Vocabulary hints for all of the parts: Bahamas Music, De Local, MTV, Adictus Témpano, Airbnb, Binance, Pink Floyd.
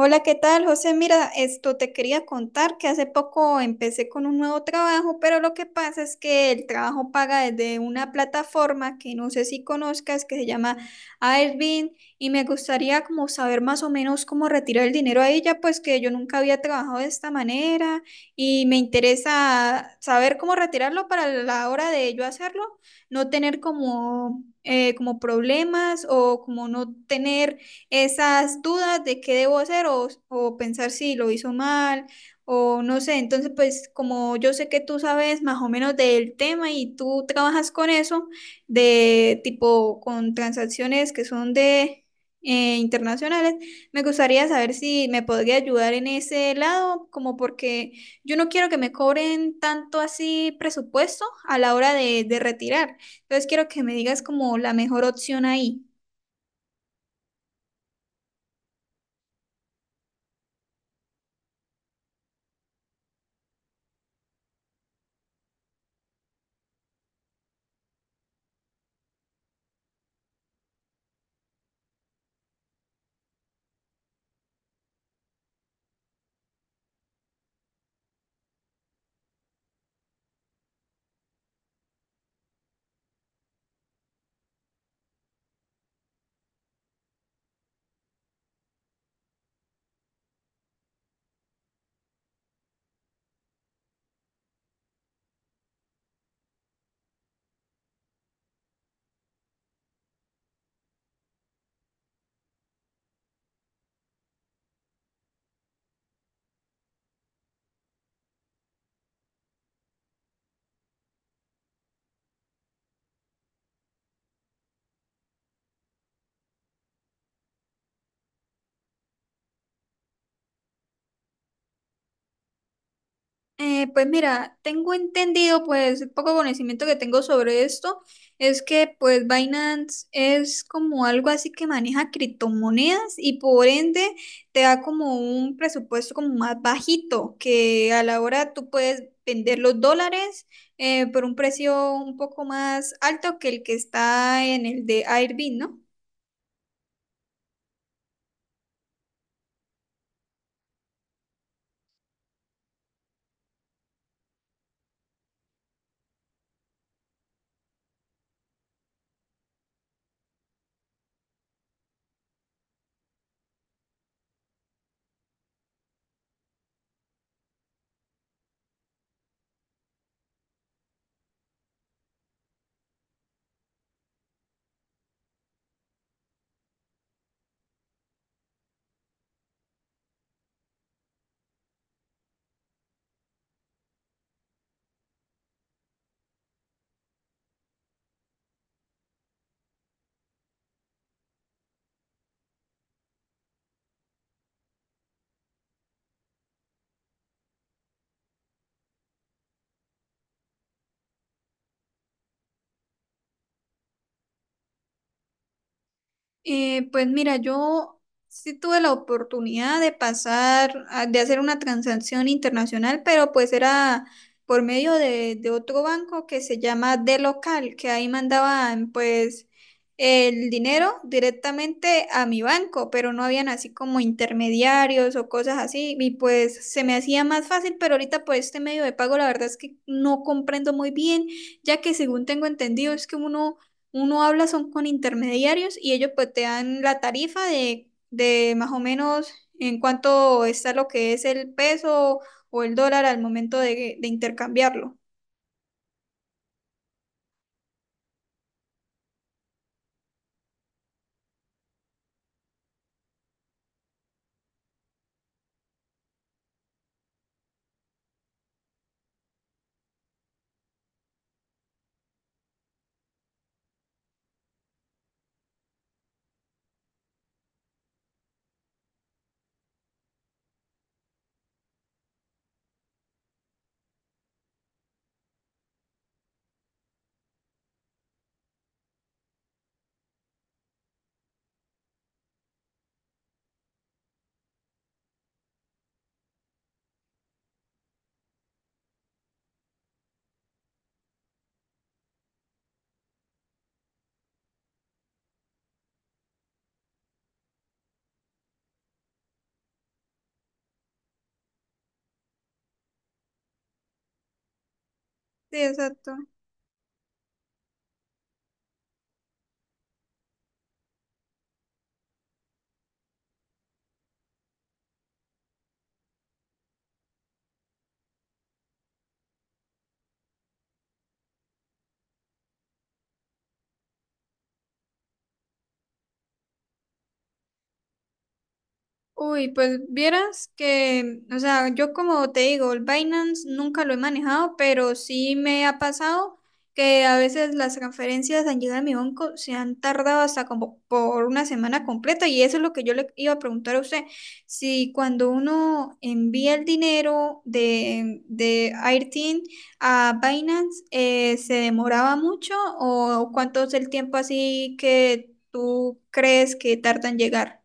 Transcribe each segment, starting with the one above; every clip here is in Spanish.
Hola, ¿qué tal, José? Mira, esto te quería contar que hace poco empecé con un nuevo trabajo, pero lo que pasa es que el trabajo paga desde una plataforma que no sé si conozcas, que se llama Airbnb, y me gustaría como saber más o menos cómo retirar el dinero a ella, pues que yo nunca había trabajado de esta manera y me interesa saber cómo retirarlo para la hora de yo hacerlo, no tener como problemas o como no tener esas dudas de qué debo hacer o pensar si lo hizo mal o no sé. Entonces, pues como yo sé que tú sabes más o menos del tema y tú trabajas con eso, de tipo con transacciones que son de internacionales, me gustaría saber si me podría ayudar en ese lado, como porque yo no quiero que me cobren tanto así presupuesto a la hora de retirar. Entonces quiero que me digas como la mejor opción ahí. Pues mira, tengo entendido, pues el poco conocimiento que tengo sobre esto es que pues Binance es como algo así que maneja criptomonedas y por ende te da como un presupuesto como más bajito, que a la hora tú puedes vender los dólares por un precio un poco más alto que el que está en el de Airbnb, ¿no? Pues mira, yo sí tuve la oportunidad de pasar, de hacer una transacción internacional, pero pues era por medio de otro banco que se llama De Local, que ahí mandaban pues el dinero directamente a mi banco, pero no habían así como intermediarios o cosas así, y pues se me hacía más fácil, pero ahorita por este medio de pago la verdad es que no comprendo muy bien, ya que según tengo entendido es que uno habla son con intermediarios y ellos pues te dan la tarifa de más o menos en cuánto está lo que es el peso o el dólar al momento de intercambiarlo. Sí, exacto. Uy, pues vieras que, o sea, yo como te digo, el Binance nunca lo he manejado, pero sí me ha pasado que a veces las transferencias han llegado a mi banco, se han tardado hasta como por una semana completa y eso es lo que yo le iba a preguntar a usted, si cuando uno envía el dinero de Airteen a Binance, ¿se demoraba mucho o cuánto es el tiempo así que tú crees que tarda en llegar?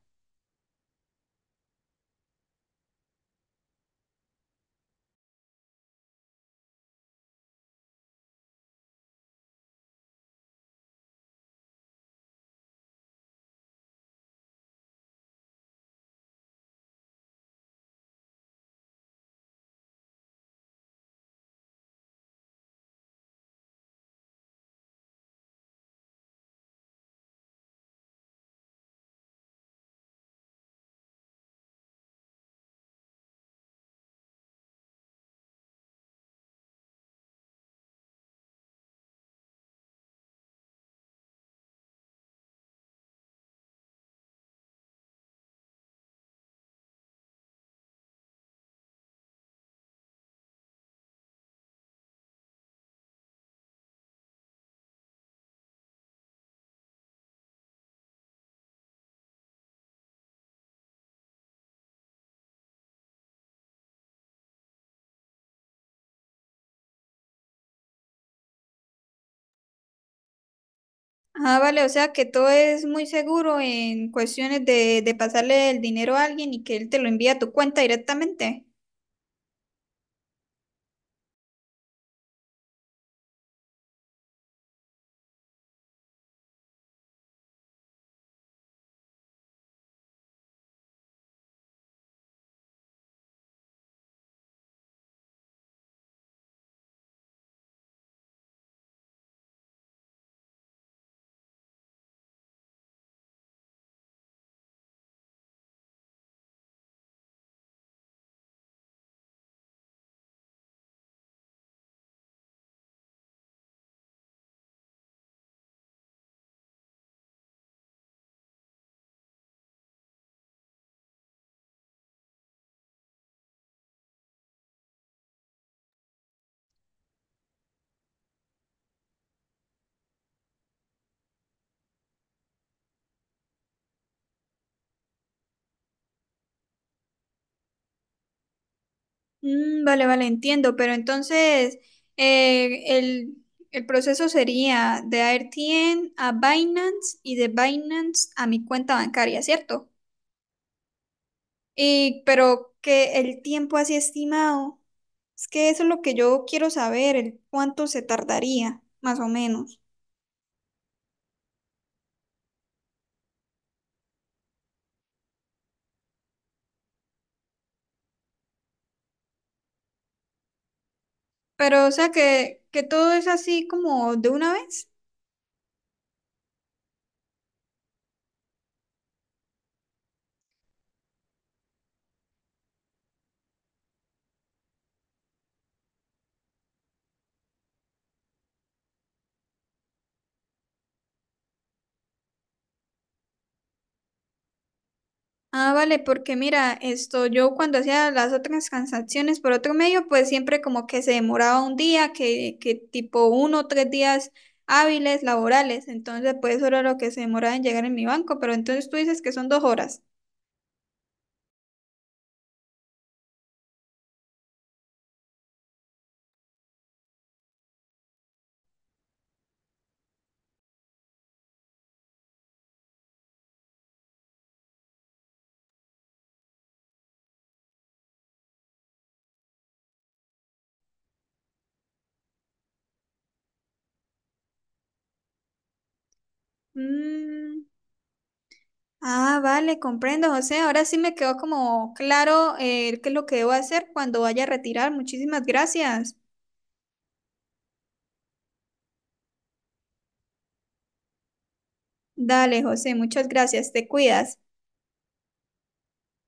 Ah, vale, o sea que todo es muy seguro en cuestiones de pasarle el dinero a alguien y que él te lo envía a tu cuenta directamente. Mm, vale, vale, entiendo, pero entonces eh, el, el proceso sería de AirTN a Binance y de Binance a mi cuenta bancaria, ¿cierto? Y, pero que el tiempo así estimado, es que eso es lo que yo quiero saber, el cuánto se tardaría, más o menos. Pero, o sea que todo es así como de una vez. Ah, vale, porque mira, esto yo cuando hacía las otras transacciones por otro medio, pues siempre como que se demoraba un día, que tipo 1 o 3 días hábiles laborales, entonces pues eso era lo que se demoraba en llegar en mi banco, pero entonces tú dices que son 2 horas. Mm, ah, vale, comprendo, José, ahora sí me quedó como claro qué es lo que debo hacer cuando vaya a retirar, muchísimas gracias. Dale, José, muchas gracias, te cuidas.